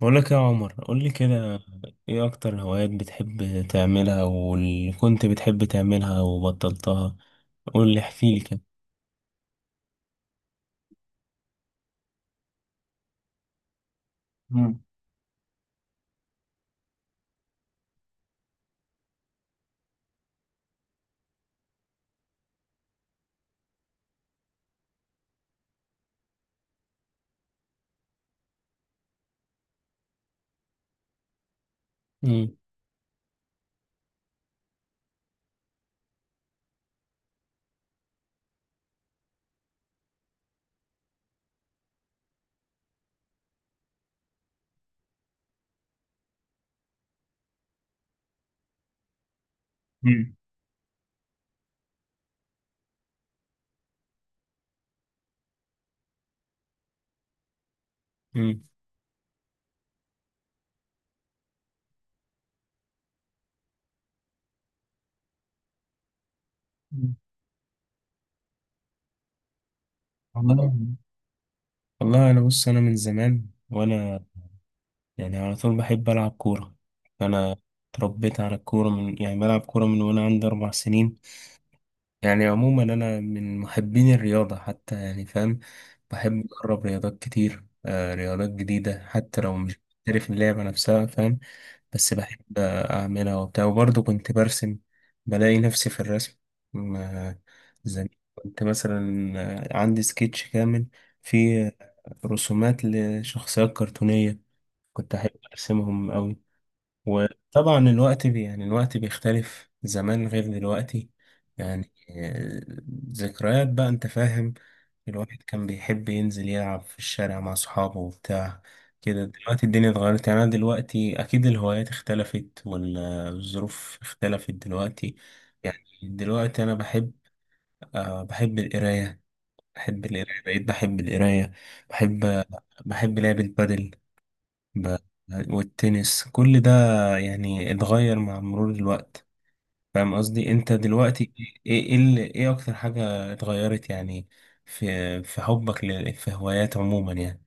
بقول لك يا عمر، قول لي كده. ايه اكتر هوايات بتحب تعملها واللي كنت بتحب تعملها وبطلتها؟ قول لي، احكي لي كده. مم. مم. مم. مم. مم. والله والله، انا بص، انا من زمان وانا يعني على طول بحب العب كوره. انا اتربيت على الكوره، من يعني بلعب كوره من وانا عندي 4 سنين. يعني عموما أنا من محبين الرياضة حتى، يعني فاهم. بحب أجرب رياضات كتير، آه رياضات جديدة، حتى لو مش محترف اللعبة نفسها، فاهم. بس بحب أعملها وبتاع، وبرضه كنت برسم، بلاقي نفسي في الرسم. م- آه، زمان كنت مثلا عندي سكتش كامل فيه رسومات لشخصيات كرتونية، كنت أحب أرسمهم أوي. وطبعا الوقت بي يعني الوقت بيختلف، زمان غير دلوقتي. يعني ذكريات بقى، انت فاهم. الواحد كان بيحب ينزل يلعب في الشارع مع صحابه وبتاع كده. دلوقتي الدنيا اتغيرت، يعني انا دلوقتي اكيد الهوايات اختلفت والظروف اختلفت دلوقتي. يعني دلوقتي انا بحب، أه بحب القراية. بقيت بحب القراية. بحب، بحب لعب البادل. ب- والتنس، كل ده يعني اتغير مع مرور الوقت. فاهم قصدي؟ انت دلوقتي ايه، ايه اكتر حاجة اتغيرت يعني في حبك في هوايات عموما يعني؟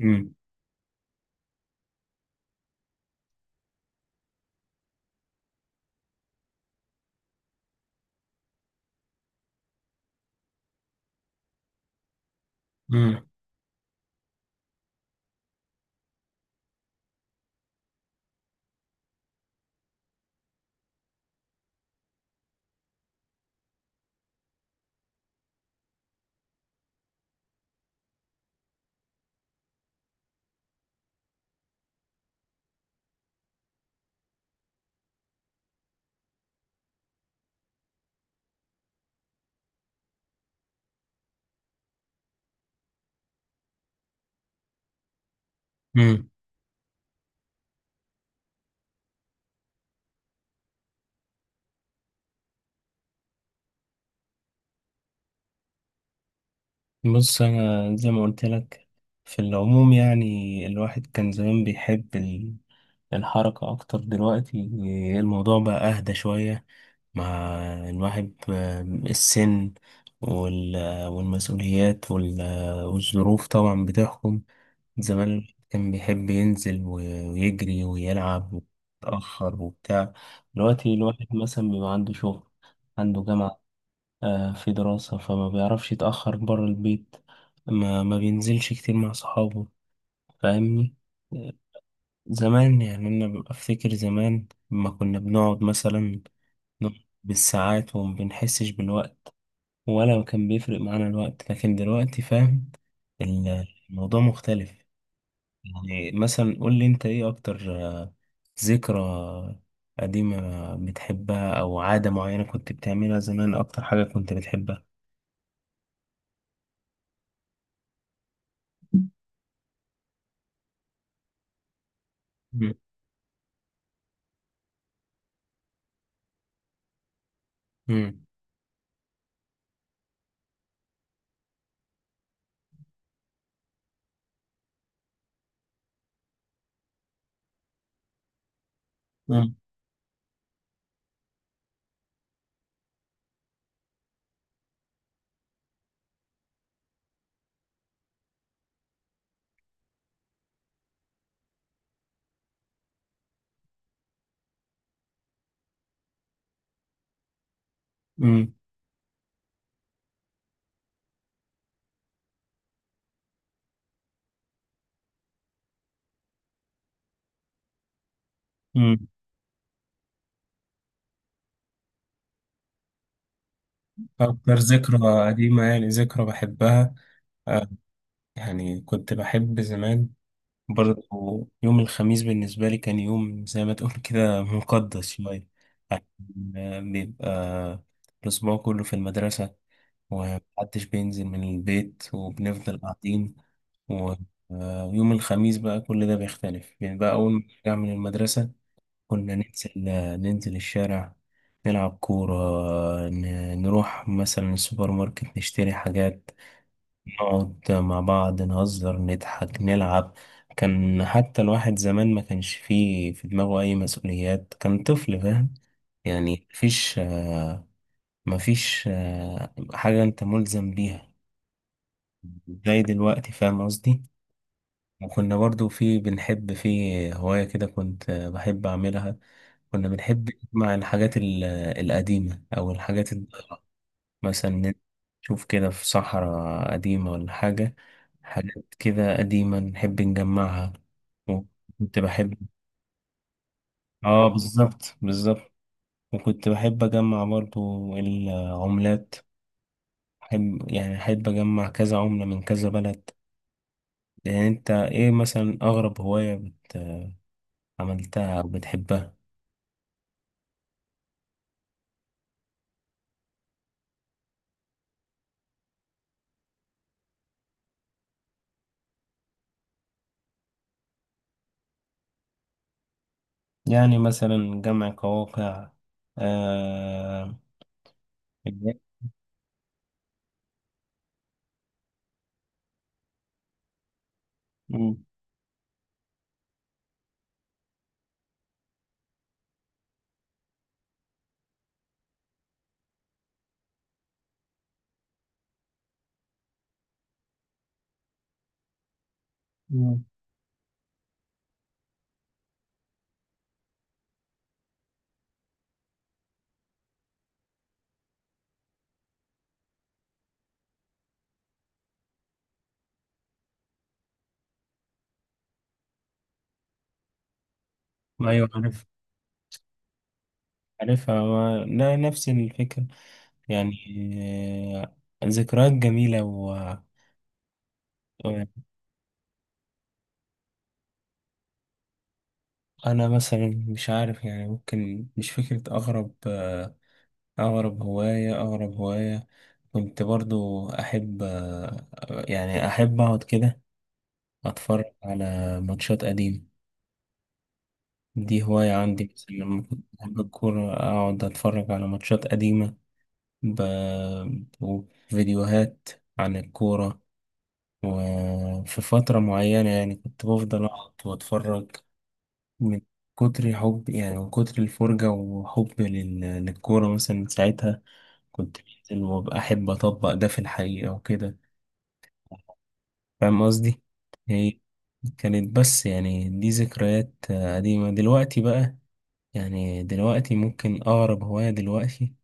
امم امم امم بص انا زي ما قلت لك، في العموم يعني الواحد كان زمان بيحب الحركة أكتر. دلوقتي الموضوع بقى أهدى شوية، مع الواحد السن والمسؤوليات والظروف طبعا بتحكم. زمان الواحد كان بيحب ينزل ويجري ويلعب ويتأخر وبتاع. دلوقتي الواحد مثلا بيبقى عنده شغل، عنده جامعة، في دراسة، فما بيعرفش يتأخر برا البيت، ما بينزلش كتير مع صحابه. فاهمني؟ زمان يعني أنا ببقى أفتكر زمان لما كنا بنقعد مثلا، نقعد بالساعات وما بنحسش بالوقت، ولا كان بيفرق معانا الوقت. لكن دلوقتي فاهم، الموضوع مختلف. يعني مثلا قول لي أنت، إيه أكتر ذكرى قديمة بتحبها، أو عادة معينة كنت بتعملها زمان، أكتر حاجة كنت بتحبها؟ مم. مم. مم. مم. مم. أكتر ذكرى قديمة يعني، ذكرى بحبها، آه، يعني كنت بحب زمان برضه يوم الخميس. بالنسبة لي كان يوم زي ما تقول كده مقدس شوية، عشان بيبقى الأسبوع كله في المدرسة ومحدش بينزل من البيت وبنفضل قاعدين. ويوم الخميس بقى كل ده بيختلف، يعني بقى أول ما نرجع من المدرسة، كنا ننزل، ننزل الشارع، نلعب كورة، نروح مثلا السوبر ماركت نشتري حاجات، نقعد مع بعض نهزر نضحك نلعب. كان حتى الواحد زمان ما كانش فيه في دماغه أي مسؤوليات، كان طفل فاهم. يعني مفيش مفيش حاجة أنت ملزم بيها زي دلوقتي، فاهم قصدي. وكنا برضو في، بنحب في هواية كده كنت بحب أعملها، كنا بنحب نجمع الحاجات القديمة، أو الحاجات مثلا، نشوف كده في صحراء قديمة ولا حاجة، حاجات كده قديمة نحب نجمعها. وكنت بحب، اه بالظبط بالظبط. وكنت بحب أجمع برضو العملات، أحب يعني أحب أجمع كذا عملة من كذا بلد. يعني أنت إيه مثلا أغرب هواية بت... عملتها أو بتحبها؟ يعني مثلا جمع قواقع آه... مم. مم. أيوة عارف، عارفها ما... لا، نفس الفكرة يعني. ذكريات جميلة. و أنا مثلا مش عارف يعني، ممكن مش فكرة أغرب أغرب هواية. أغرب هواية كنت برضو أحب يعني أحب أقعد كده أتفرج على ماتشات قديمة. دي هواية عندي مثلا، لما كنت بحب الكورة أقعد أتفرج على ماتشات قديمة، ب... وفيديوهات عن الكورة. وفي فترة معينة يعني كنت بفضل أقعد وأتفرج، من كتر حب يعني، من كتر الفرجة وحب للكورة. مثلا من ساعتها كنت بنزل وأبقى أحب أطبق ده في الحقيقة وكده. فاهم قصدي؟ هي كانت بس، يعني دي ذكريات قديمة. دلوقتي بقى يعني، دلوقتي ممكن أقرب هواية دلوقتي،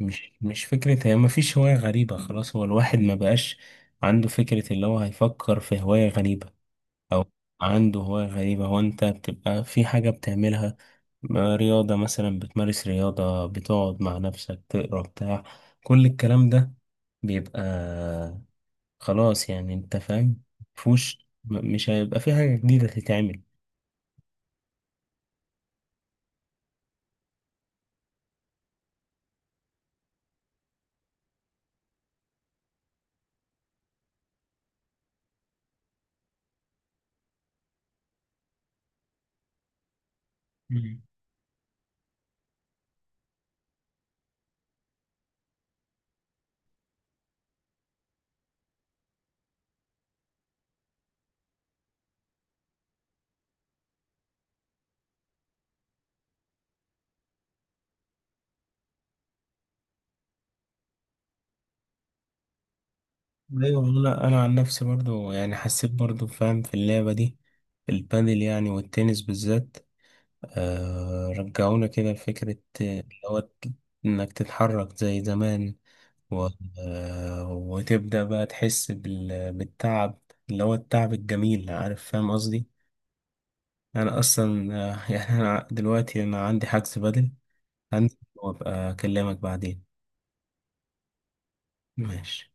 مش فكرة، هي مفيش هواية غريبة خلاص. هو الواحد ما بقاش عنده فكرة اللي هو هيفكر في هواية غريبة، أو عنده هواية غريبة. هو أنت بتبقى في حاجة بتعملها، ما رياضة مثلا بتمارس رياضة، بتقعد مع نفسك تقرا بتاع، كل الكلام ده بيبقى خلاص يعني، أنت فاهم، مفهوش، مش هيبقى في حاجة جديدة تتعمل. مم. ايوه، انا انا عن نفسي برضو يعني حسيت برضو فاهم في اللعبه دي، البادل يعني والتنس بالذات، آه رجعونا كده لفكره آه، اللي هو ت- انك تتحرك زي زمان و... وتبدأ بقى تحس بال... بالتعب، اللي هو التعب الجميل، عارف فاهم قصدي. أنا أصلا يعني أنا دلوقتي أنا عندي حجز بدل، عندي وأبقى أكلمك بعدين. ماشي.